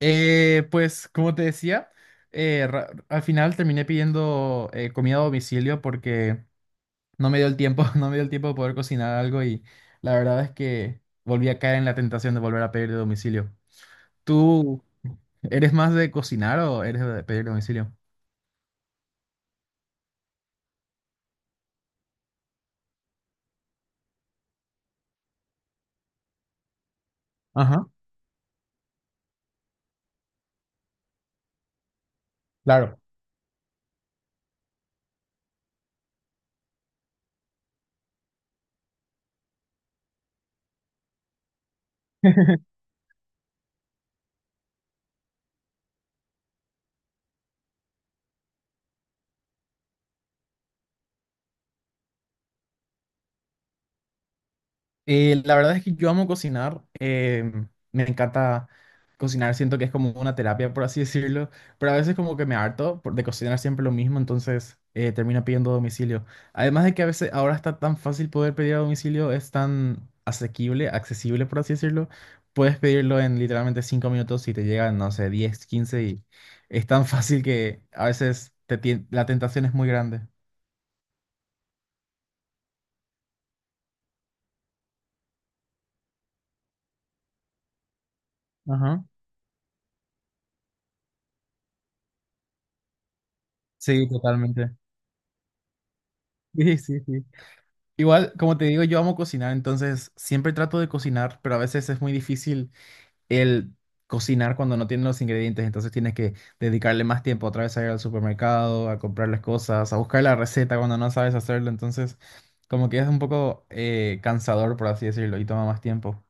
Pues como te decía, al final terminé pidiendo comida a domicilio porque no me dio el tiempo, no me dio el tiempo de poder cocinar algo y la verdad es que volví a caer en la tentación de volver a pedir de domicilio. ¿Tú eres más de cocinar o eres de pedir de domicilio? Ajá, claro. La verdad es que yo amo cocinar, me encanta cocinar, siento que es como una terapia, por así decirlo, pero a veces como que de cocinar siempre lo mismo, entonces termino pidiendo a domicilio. Además de que a veces ahora está tan fácil poder pedir a domicilio, es tan asequible, accesible, por así decirlo, puedes pedirlo en literalmente 5 minutos y te llegan, no sé, 10 15 y es tan fácil que a veces te tien- la tentación es muy grande. Ajá. Sí, totalmente. Sí, sí, sí. Igual, como te digo, yo amo cocinar, entonces siempre trato de cocinar, pero a veces es muy difícil el cocinar cuando no tienes los ingredientes, entonces tienes que dedicarle más tiempo otra vez a ir al supermercado, a comprar las cosas, a buscar la receta cuando no sabes hacerlo, entonces como que es un poco cansador, por así decirlo, y toma más tiempo.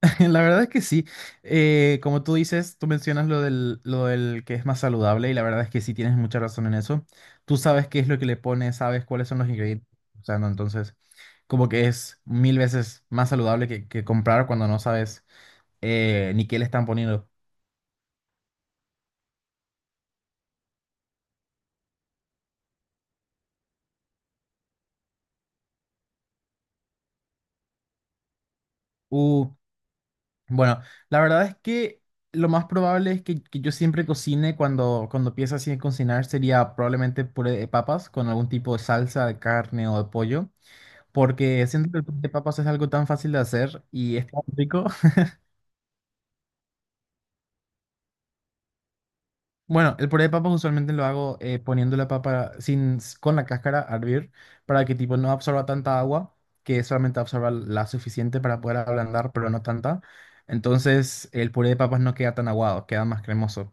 La verdad es que sí, como tú dices, tú mencionas lo del que es más saludable y la verdad es que sí tienes mucha razón en eso. Tú sabes qué es lo que le pones, sabes cuáles son los ingredientes, o sea, no, entonces, como que es mil veces más saludable que comprar cuando no sabes ni qué le están poniendo. Uh, bueno, la verdad es que lo más probable es que yo siempre cocine cuando, cuando empiezo así a cocinar sería probablemente puré de papas con algún tipo de salsa de carne o de pollo, porque siento que el puré de papas es algo tan fácil de hacer y es tan rico. Bueno, el puré de papas usualmente lo hago poniendo la papa sin, s- con la cáscara a hervir para que tipo no absorba tanta agua, que solamente absorba la suficiente para poder ablandar, pero no tanta. Entonces el puré de papas no queda tan aguado, queda más cremoso.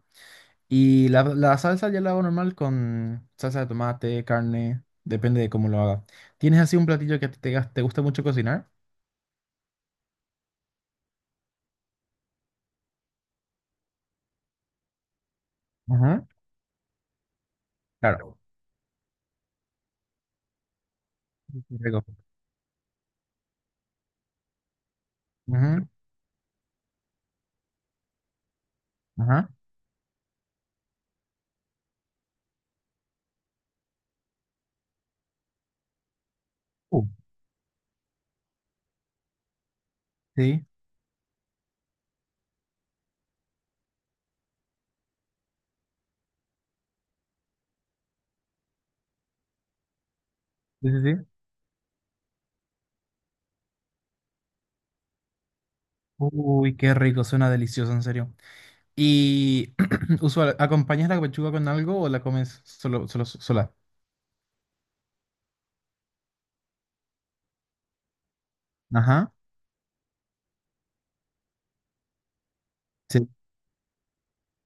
Y la salsa ya la hago normal con salsa de tomate, carne, depende de cómo lo haga. ¿Tienes así un platillo que a ti te, gas- te gusta mucho cocinar? Ajá, claro. Sí, qué rico. Ujú. Ajá. Uh. Sí, sí, sí, sí. Uy, qué rico, suena delicioso, en serio. Y ¿acompañas la pechuga con algo o la comes solo, solo, sola? Ajá. Sí.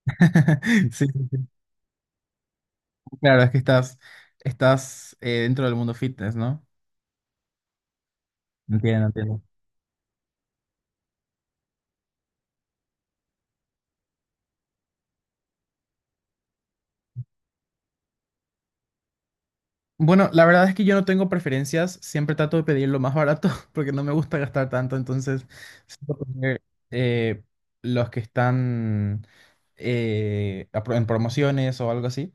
Sí, sí, sí. Claro, es que estás dentro del mundo fitness, ¿no? Entiendo, entiendo. Bueno, la verdad es que yo no tengo preferencias, siempre trato de pedir lo más barato porque no me gusta gastar tanto, entonces suelo comer, eh, los que están en promociones o algo así.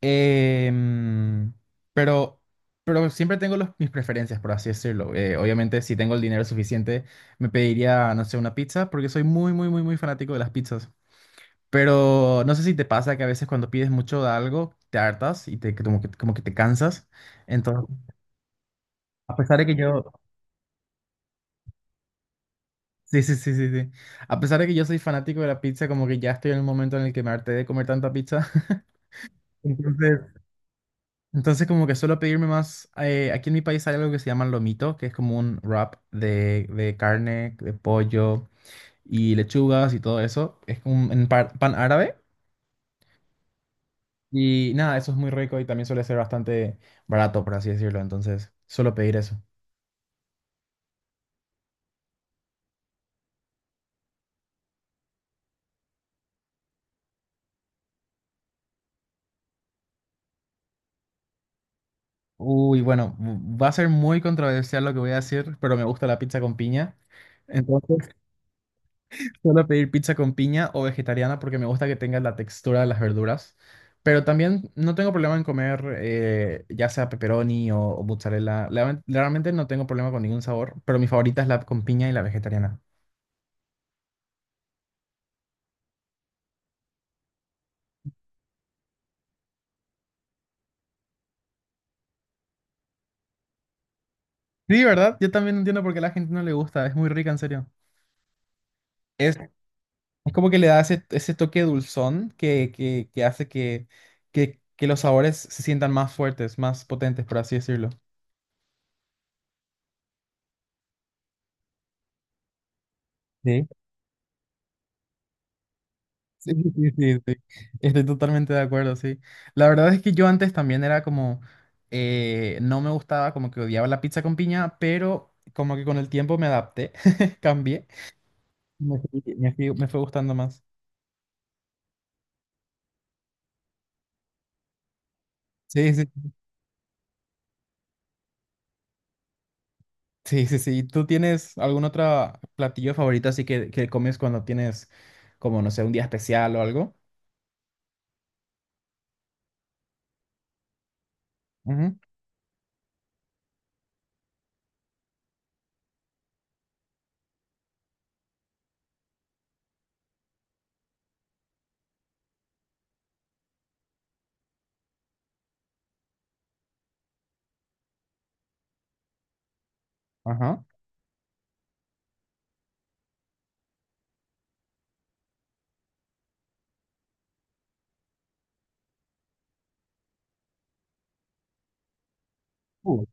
Em, pero, pero siempre mis preferencias, por así decirlo. Obviamente, si tengo el dinero suficiente, me pediría, no sé, una pizza, porque soy muy, muy, muy, muy fanático de las pizzas. Pero no sé si te pasa que a veces cuando pides mucho de algo, te hartas y te, como que te cansas. Entonces, a pesar de que yo, sí, sí, sí, sí, sí, a pesar de que yo soy fanático de la pizza, como que ya estoy en un momento en el que me harté de comer tanta pizza. Entonces, entonces como que suelo pedirme más, aquí en mi país hay algo que se llama lomito, que es como un wrap de carne, de pollo y lechugas y todo eso. Es como pan árabe y nada, eso es muy rico y también suele ser bastante barato, por así decirlo. Entonces suelo pedir eso. Uy, bueno, va a ser muy controversial lo que voy a decir, pero me gusta la pizza con piña. Entonces suelo pedir pizza con piña o vegetariana porque me gusta que tenga la textura de las verduras. Pero también no tengo problema en comer ya sea pepperoni o mozzarella. Realmente no tengo problema con ningún sabor, pero mi favorita es la con piña y la vegetariana. Sí, ¿verdad? Yo también entiendo por qué a la gente no le gusta. Es muy rica, en serio. Es, es como que le da ese, ese toque dulzón que hace que los sabores se sientan más fuertes, más potentes, por así decirlo. Sí. Sí, sí, sí, sí, sí. Estoy totalmente de acuerdo, sí. La verdad es que yo antes también era como, no me gustaba, como que odiaba la pizza con piña, pero como que con el tiempo me adapté, cambié. Me fue gustando más. Sí, sí, sí, sí, sí. ¿Tú tienes algún otro platillo favorito así que comes cuando tienes, como, no sé, un día especial o algo? Ujú. Ajá. Uh.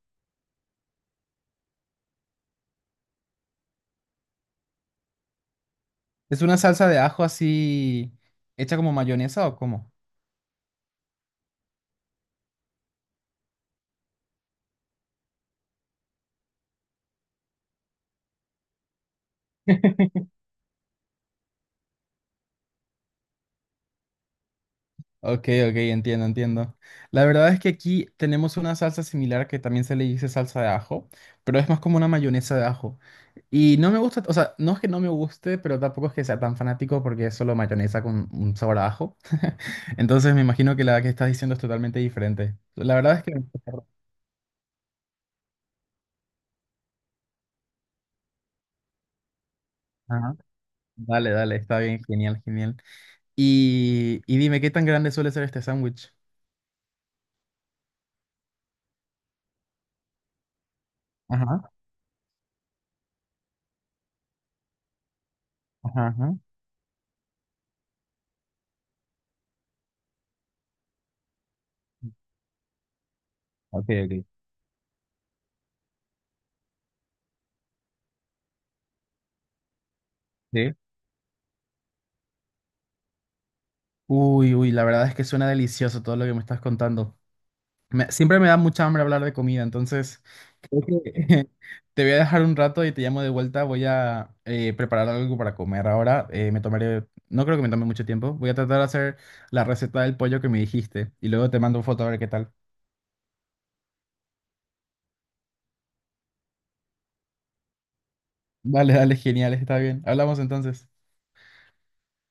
¿Es una salsa de ajo así hecha como mayonesa o cómo? Ok, ok, entiendo, entiendo. La verdad es que aquí tenemos una salsa similar que también se le dice salsa de ajo, pero es más como una mayonesa de ajo. Y no me gusta, o sea, no es que no me guste, pero tampoco es que sea tan fanático porque es solo mayonesa con un sabor a ajo. Entonces me imagino que la que estás diciendo es totalmente diferente. La verdad es que... Ajá. Dale, dale, está bien, genial, genial. Y dime, ¿qué tan grande suele ser este sándwich? Ajá, ajá, ajá. Ok, ok. Sí. Uy, uy, la verdad es que suena delicioso todo lo que me estás contando. Siempre me da mucha hambre hablar de comida, entonces creo que te voy a dejar un rato y te llamo de vuelta. Voy a preparar algo para comer ahora. Me tomaré, no creo que me tome mucho tiempo. Voy a tratar de hacer la receta del pollo que me dijiste y luego te mando foto a ver qué tal. Dale, dale, genial, está bien. Hablamos entonces.